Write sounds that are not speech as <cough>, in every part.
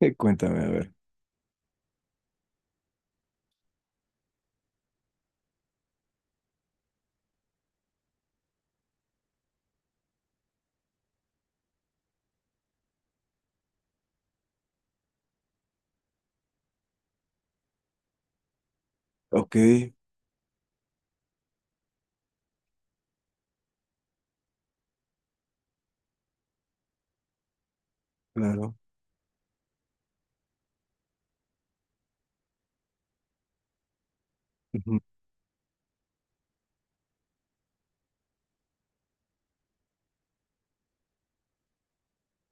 <laughs> Cuéntame, a ver. Ok, claro. Ujú.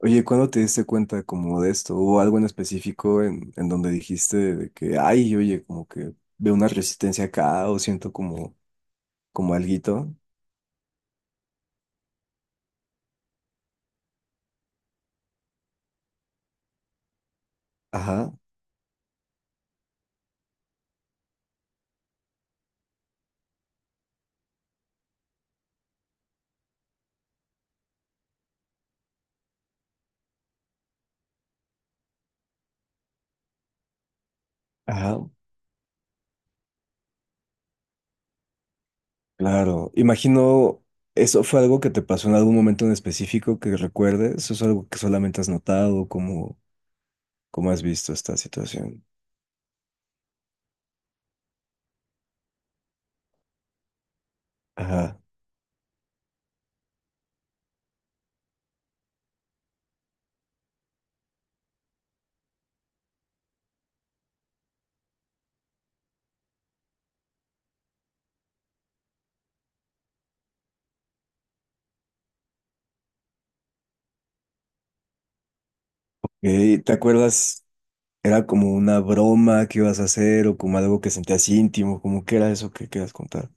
Oye, ¿cuándo te diste cuenta como de esto? ¿O algo en específico en donde dijiste de que, ay, oye, como que veo una resistencia acá o siento como, como alguito? Ajá, ajá, claro. Imagino, ¿eso fue algo que te pasó en algún momento en específico que recuerdes? ¿O es algo que solamente has notado? ¿Cómo, cómo has visto esta situación? Ajá. Ok, ¿te acuerdas? Era como una broma que ibas a hacer o como algo que sentías íntimo, como que era eso que querías contar.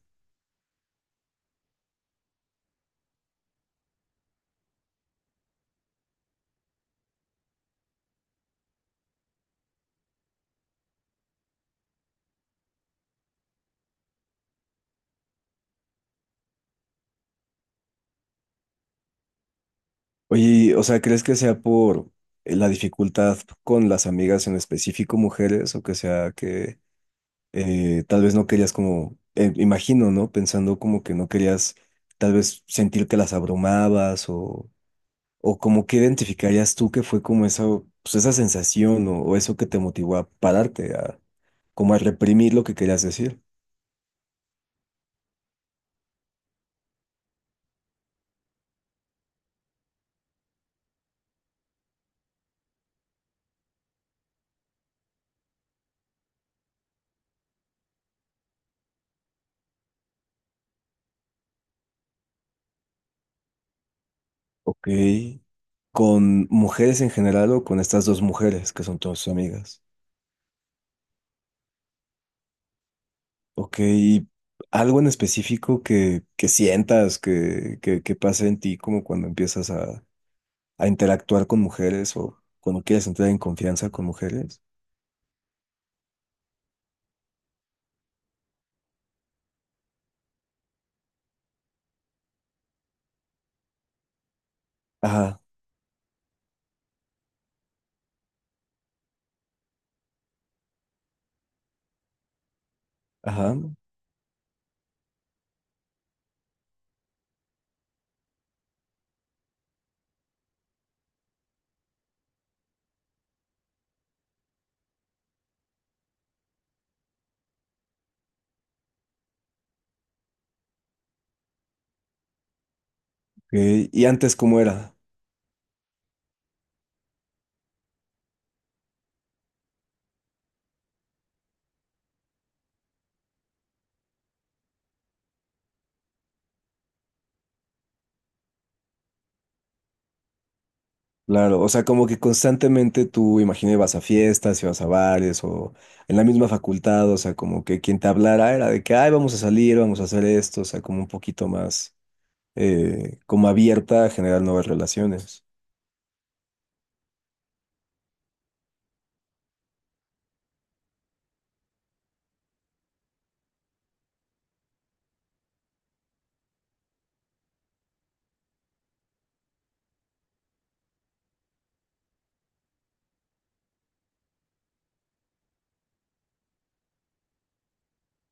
Oye, y, o sea, ¿crees que sea por la dificultad con las amigas en específico mujeres o que sea que tal vez no querías como, imagino, ¿no? Pensando como que no querías tal vez sentir que las abrumabas o como que identificarías tú que fue como esa, pues esa sensación o eso que te motivó a pararte, a como a reprimir lo que querías decir. Ok. ¿Con mujeres en general o con estas dos mujeres que son todas tus amigas? Ok. ¿Algo en específico que sientas que, que pasa en ti como cuando empiezas a interactuar con mujeres o cuando quieres entrar en confianza con mujeres? Ajá, ajá. Ok. ¿Y antes cómo era? Claro, o sea, como que constantemente tú, imaginé, vas a fiestas y vas a bares o en la misma facultad, o sea, como que quien te hablara era de que, ay, vamos a salir, vamos a hacer esto, o sea, como un poquito más, como abierta a generar nuevas relaciones.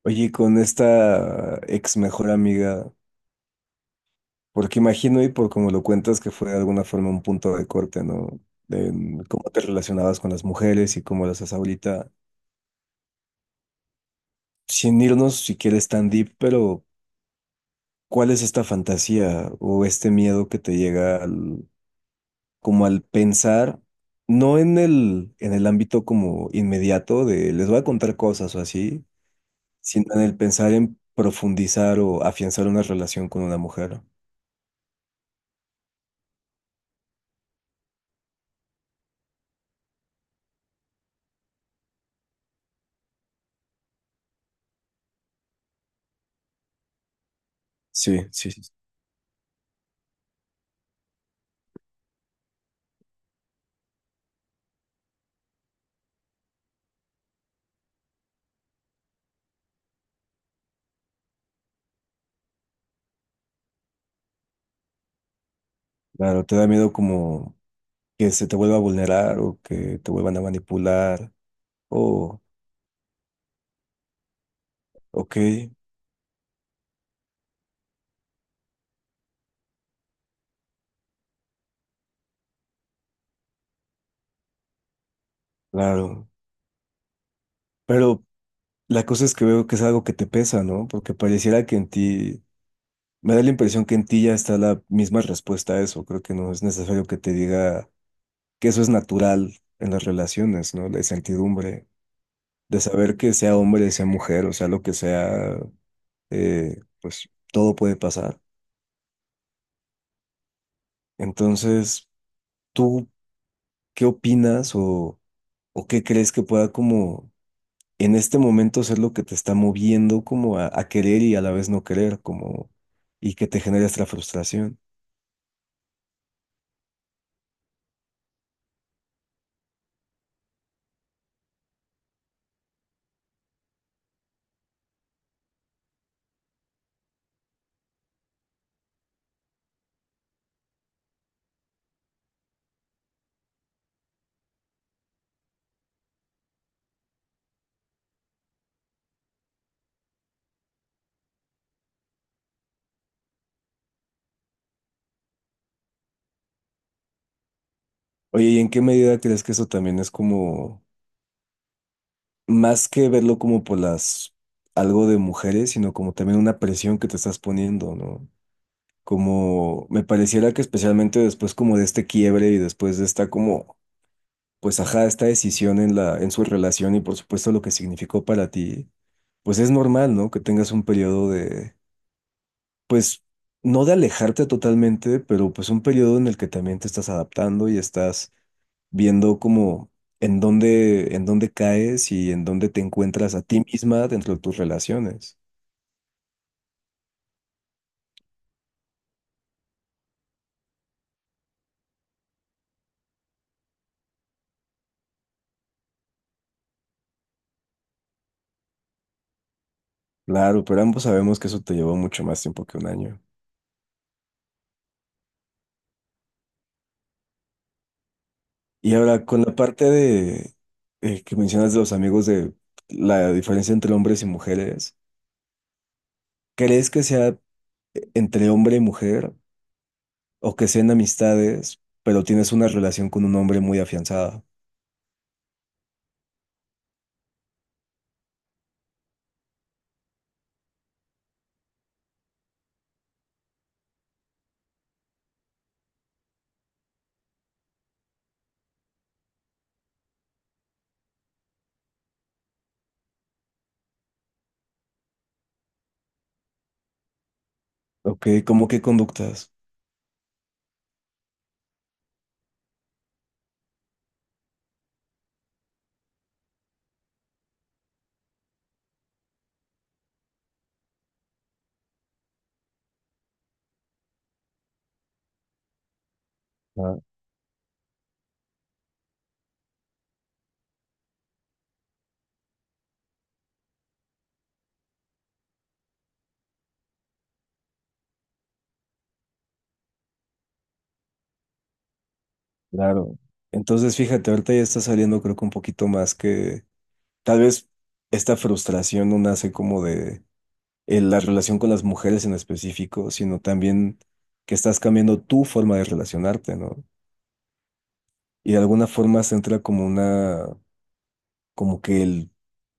Oye, y con esta ex mejor amiga, porque imagino y por como lo cuentas que fue de alguna forma un punto de corte, ¿no? De en cómo te relacionabas con las mujeres y cómo las haces ahorita, sin irnos si quieres tan deep, pero ¿cuál es esta fantasía o este miedo que te llega al, como al pensar, no en el, en el ámbito como inmediato de les voy a contar cosas o así, sino en el pensar en profundizar o afianzar una relación con una mujer? Sí, sí, sí. Claro, te da miedo como que se te vuelva a vulnerar o que te vuelvan a manipular. Oh, ok, claro. Pero la cosa es que veo que es algo que te pesa, ¿no? Porque pareciera que en ti me da la impresión que en ti ya está la misma respuesta a eso. Creo que no es necesario que te diga que eso es natural en las relaciones, ¿no? La incertidumbre de saber que sea hombre, sea mujer, o sea, lo que sea, pues todo puede pasar. Entonces, ¿tú qué opinas o qué crees que pueda como en este momento ser lo que te está moviendo como a querer y a la vez no querer, como y que te genera esta frustración? Oye, ¿y en qué medida crees que eso también es como más que verlo como por las algo de mujeres, sino como también una presión que te estás poniendo, ¿no? Como me pareciera que especialmente después como de este quiebre y después de esta como, pues ajá, esta decisión en la, en su relación y por supuesto lo que significó para ti, pues es normal, ¿no? Que tengas un periodo de, pues, no de alejarte totalmente, pero pues un periodo en el que también te estás adaptando y estás viendo como en dónde caes y en dónde te encuentras a ti misma dentro de tus relaciones. Claro, pero ambos sabemos que eso te llevó mucho más tiempo que un año. Y ahora, con la parte de que mencionas de los amigos de la diferencia entre hombres y mujeres, ¿crees que sea entre hombre y mujer o que sean amistades, pero tienes una relación con un hombre muy afianzada? Ok, ¿cómo qué conductas? Ah, claro. Entonces, fíjate, ahorita ya está saliendo creo que un poquito más que tal vez esta frustración no nace como de la relación con las mujeres en específico, sino también que estás cambiando tu forma de relacionarte, ¿no? Y de alguna forma se entra como una, como que el,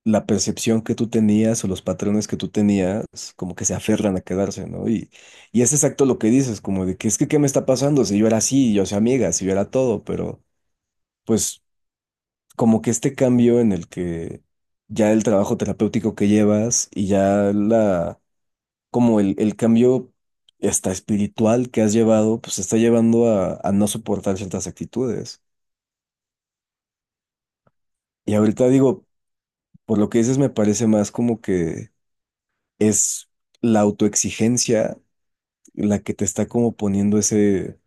la percepción que tú tenías o los patrones que tú tenías, como que se aferran a quedarse, ¿no? Y es exacto lo que dices, como de que es que, ¿qué me está pasando? Si yo era así, yo soy amiga, si yo era todo, pero pues como que este cambio en el que ya el trabajo terapéutico que llevas y ya la, como el cambio hasta espiritual que has llevado, pues te está llevando a no soportar ciertas actitudes. Y ahorita digo, por lo que dices, me parece más como que es la autoexigencia la que te está como poniendo ese,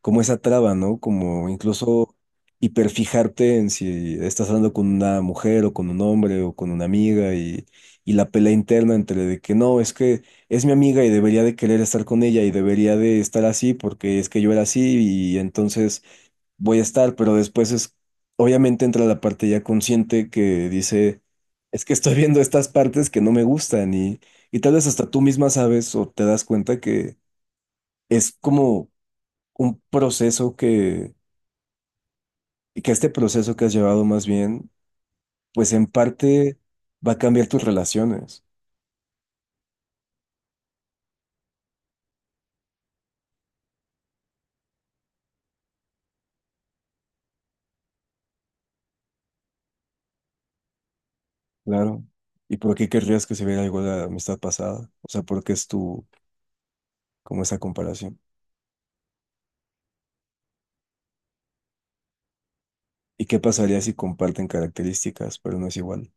como esa traba, ¿no? Como incluso hiperfijarte en si estás hablando con una mujer o con un hombre o con una amiga y la pelea interna entre de que no, es que es mi amiga y debería de querer estar con ella y debería de estar así porque es que yo era así y entonces voy a estar, pero después es, obviamente entra la parte ya consciente que dice, es que estoy viendo estas partes que no me gustan y tal vez hasta tú misma sabes o te das cuenta que es como un proceso que, y que este proceso que has llevado más bien, pues en parte va a cambiar tus relaciones, claro. ¿Y por qué querrías que se viera algo de la amistad pasada? O sea, ¿por qué es tu, como esa comparación? ¿Y qué pasaría si comparten características, pero no es igual?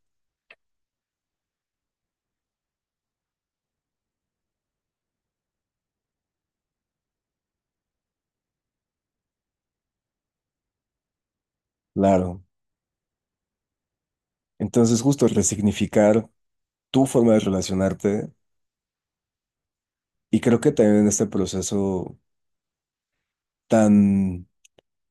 Claro. Entonces, justo resignificar tu forma de relacionarte, y creo que también en este proceso tan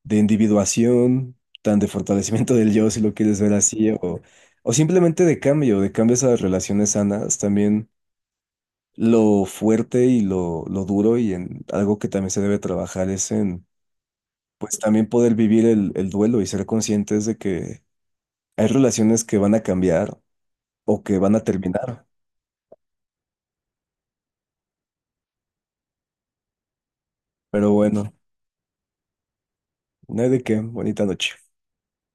de individuación, tan de fortalecimiento del yo, si lo quieres ver así, o simplemente de cambio, de cambios a las relaciones sanas, también lo fuerte y lo duro y en algo que también se debe trabajar es en, pues también poder vivir el duelo y ser conscientes de que hay relaciones que van a cambiar o que van a terminar, pero bueno, no hay de qué, bonita noche.